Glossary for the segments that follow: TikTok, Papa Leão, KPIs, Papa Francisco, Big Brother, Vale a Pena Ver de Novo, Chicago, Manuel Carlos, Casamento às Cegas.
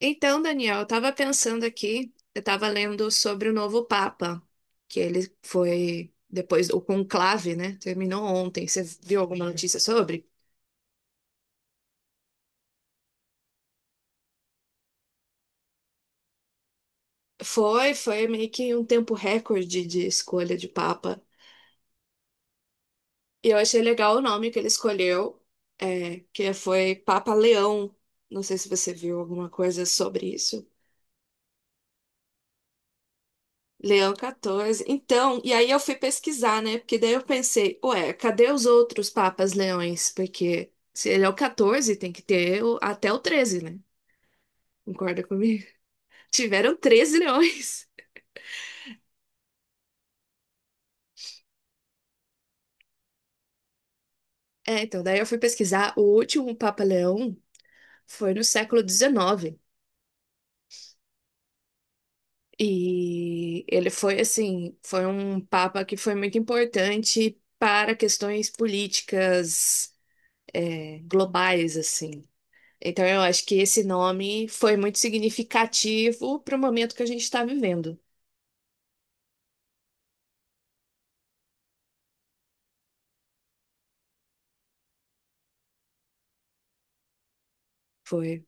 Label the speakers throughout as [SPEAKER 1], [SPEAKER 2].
[SPEAKER 1] Então, Daniel, eu estava pensando aqui, eu estava lendo sobre o novo Papa, que ele foi depois o conclave, né? Terminou ontem. Você viu alguma notícia sobre? Foi, foi meio que um tempo recorde de escolha de Papa. E eu achei legal o nome que ele escolheu, que foi Papa Leão. Não sei se você viu alguma coisa sobre isso. Leão 14. Então, e aí eu fui pesquisar, né? Porque daí eu pensei, ué, cadê os outros papas leões? Porque se ele é o 14, tem que ter até o 13, né? Concorda comigo? Tiveram 13 leões. É, então, daí eu fui pesquisar. O último Papa Leão foi no século XIX. E ele foi, assim, foi um papa que foi muito importante para questões políticas, globais, assim. Então, eu acho que esse nome foi muito significativo para o momento que a gente está vivendo. Foi.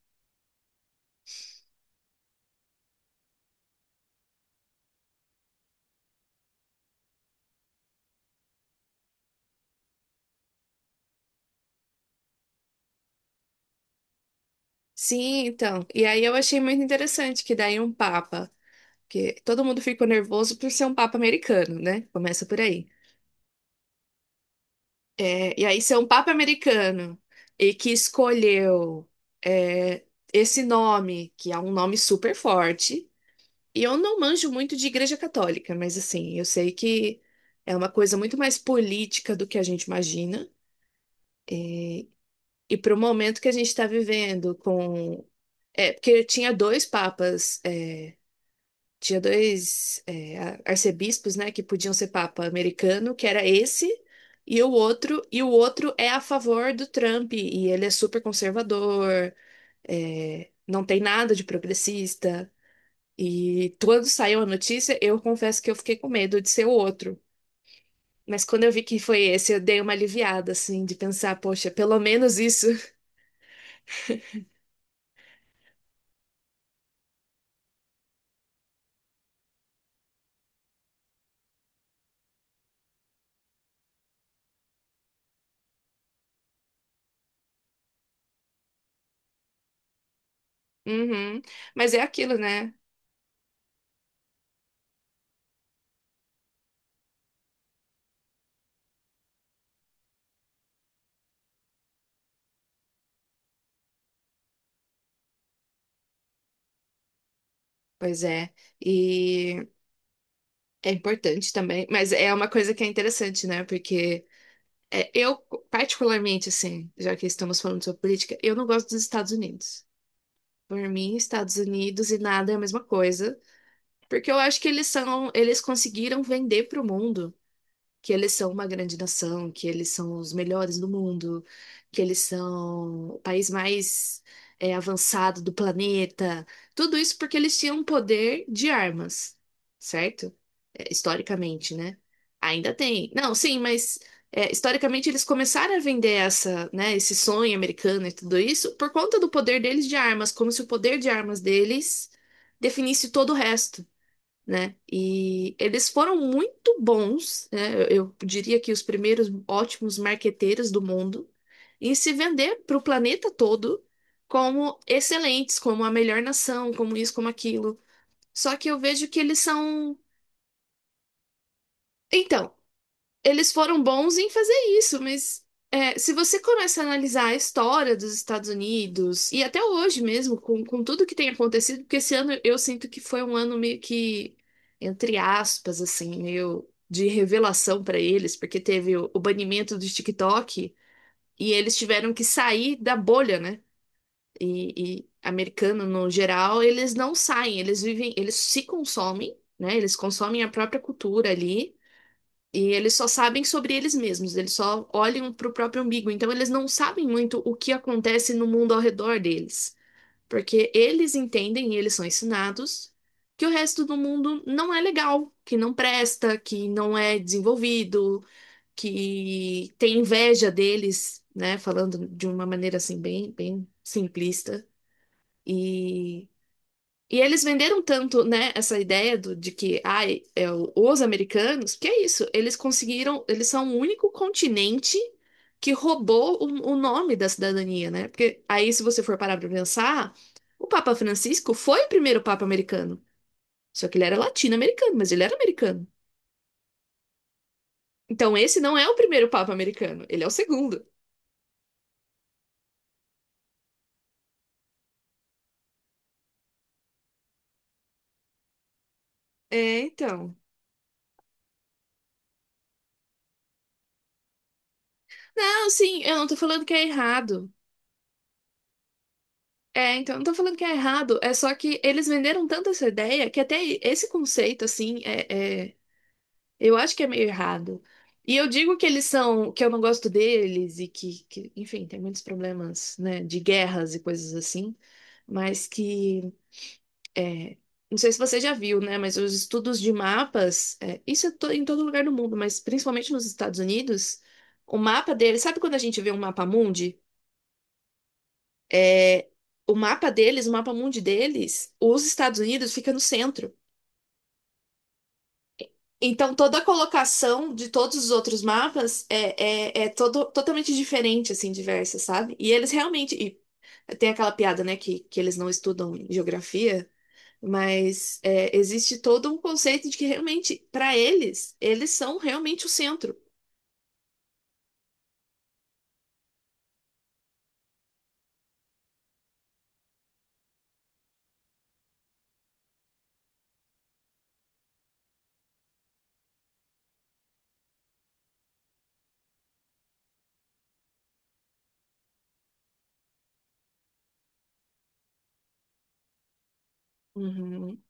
[SPEAKER 1] Sim, então. E aí eu achei muito interessante que daí um papa, que todo mundo ficou nervoso por ser um papa americano, né? Começa por aí. É, e aí ser um papa americano e que escolheu é, esse nome, que é um nome super forte. E eu não manjo muito de igreja católica, mas assim, eu sei que é uma coisa muito mais política do que a gente imagina. E para o momento que a gente está vivendo, com. É, porque tinha dois papas, tinha dois arcebispos, né, que podiam ser papa americano, que era esse, e o outro é a favor do Trump, e ele é super conservador, não tem nada de progressista. E quando saiu a notícia, eu confesso que eu fiquei com medo de ser o outro. Mas quando eu vi que foi esse, eu dei uma aliviada, assim, de pensar, poxa, pelo menos isso. Uhum. Mas é aquilo, né? Pois é, e é importante também, mas é uma coisa que é interessante, né? Porque eu particularmente, assim, já que estamos falando sobre política, eu não gosto dos Estados Unidos. Por mim, Estados Unidos e nada é a mesma coisa, porque eu acho que eles são, eles conseguiram vender para o mundo que eles são uma grande nação, que eles são os melhores do mundo, que eles são o país mais avançado do planeta. Tudo isso porque eles tinham um poder de armas, certo? Historicamente, né? Ainda tem. Não, sim, mas historicamente eles começaram a vender essa, né, esse sonho americano e tudo isso por conta do poder deles de armas, como se o poder de armas deles definisse todo o resto, né? E eles foram muito bons, né? Eu diria que os primeiros ótimos marqueteiros do mundo em se vender para o planeta todo como excelentes, como a melhor nação, como isso, como aquilo. Só que eu vejo que eles são então, eles foram bons em fazer isso, mas se você começa a analisar a história dos Estados Unidos, e até hoje mesmo, com tudo que tem acontecido, porque esse ano eu sinto que foi um ano meio que, entre aspas, assim, meio de revelação para eles, porque teve o banimento do TikTok e eles tiveram que sair da bolha, né? E americano no geral, eles não saem, eles vivem, eles se consomem, né? Eles consomem a própria cultura ali. E eles só sabem sobre eles mesmos, eles só olham para o próprio umbigo. Então, eles não sabem muito o que acontece no mundo ao redor deles, porque eles entendem e eles são ensinados que o resto do mundo não é legal, que não presta, que não é desenvolvido, que tem inveja deles, né? Falando de uma maneira assim, bem, bem simplista. E e eles venderam tanto, né, essa ideia de que, ai, os americanos, que é isso, eles conseguiram, eles são o único continente que roubou o nome da cidadania, né? Porque aí, se você for parar pra pensar, o Papa Francisco foi o primeiro Papa americano. Só que ele era latino-americano, mas ele era americano. Então, esse não é o primeiro Papa americano, ele é o segundo. É, então. Não, sim, eu não tô falando que é errado. É, então, não tô falando que é errado, é só que eles venderam tanto essa ideia que até esse conceito, assim, eu acho que é meio errado. E eu digo que eles são, que eu não gosto deles e que, enfim, tem muitos problemas, né, de guerras e coisas assim, mas que, é, não sei se você já viu, né, mas os estudos de mapas, isso é em todo lugar do mundo, mas principalmente nos Estados Unidos, o mapa deles, sabe quando a gente vê um mapa mundi? É, o mapa deles, o mapa mundi deles, os Estados Unidos fica no centro. Então, toda a colocação de todos os outros mapas é todo, totalmente diferente, assim, diversa, sabe? E eles realmente. E tem aquela piada, né, que eles não estudam geografia, mas é, existe todo um conceito de que realmente, para eles, eles são realmente o centro. Uhum,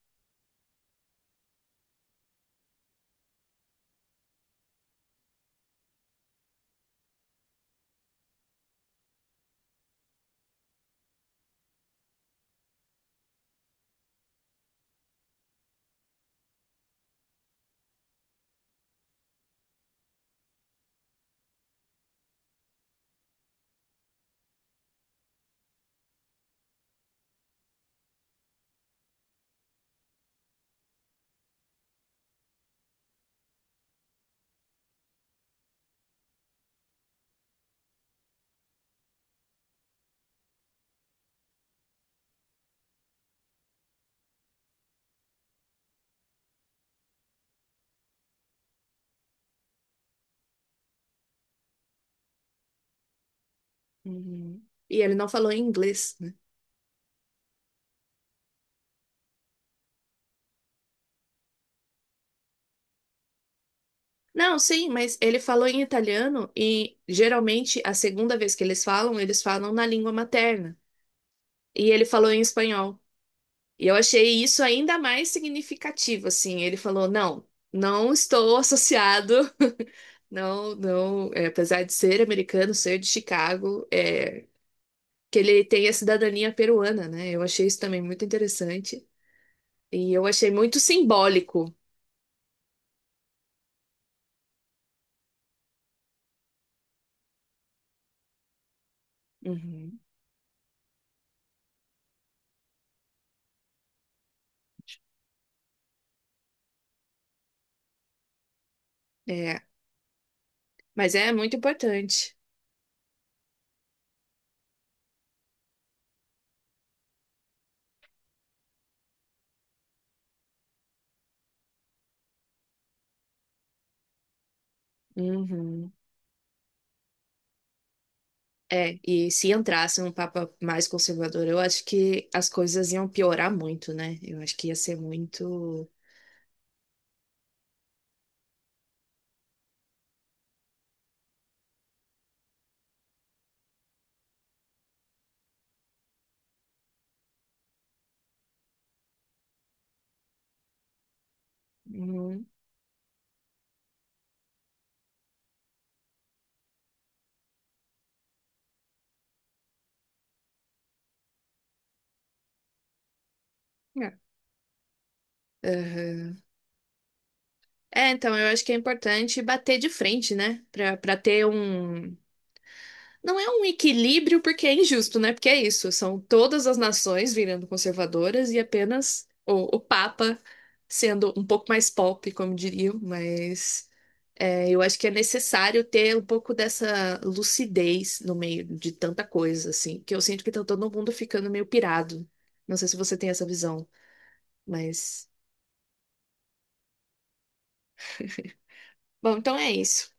[SPEAKER 1] uhum. E ele não falou em inglês. Não, sim, mas ele falou em italiano e geralmente a segunda vez que eles falam na língua materna. E ele falou em espanhol. E eu achei isso ainda mais significativo, assim. Ele falou: não, não estou associado, não, não, apesar de ser americano, ser de Chicago, que ele tem a cidadania peruana, né? Eu achei isso também muito interessante. E eu achei muito simbólico. Uhum. É, mas é muito importante. Uhum. É, e se entrasse um papa mais conservador, eu acho que as coisas iam piorar muito, né? Eu acho que ia ser muito. Uhum. É, Aham. É, então eu acho que é importante bater de frente, né? Pra ter um. Não é um equilíbrio porque é injusto, né? Porque é isso, são todas as nações virando conservadoras e apenas o Papa sendo um pouco mais pop, como diriam, mas. É, eu acho que é necessário ter um pouco dessa lucidez no meio de tanta coisa, assim, que eu sinto que tá todo mundo ficando meio pirado. Não sei se você tem essa visão, mas. Bom, então é isso.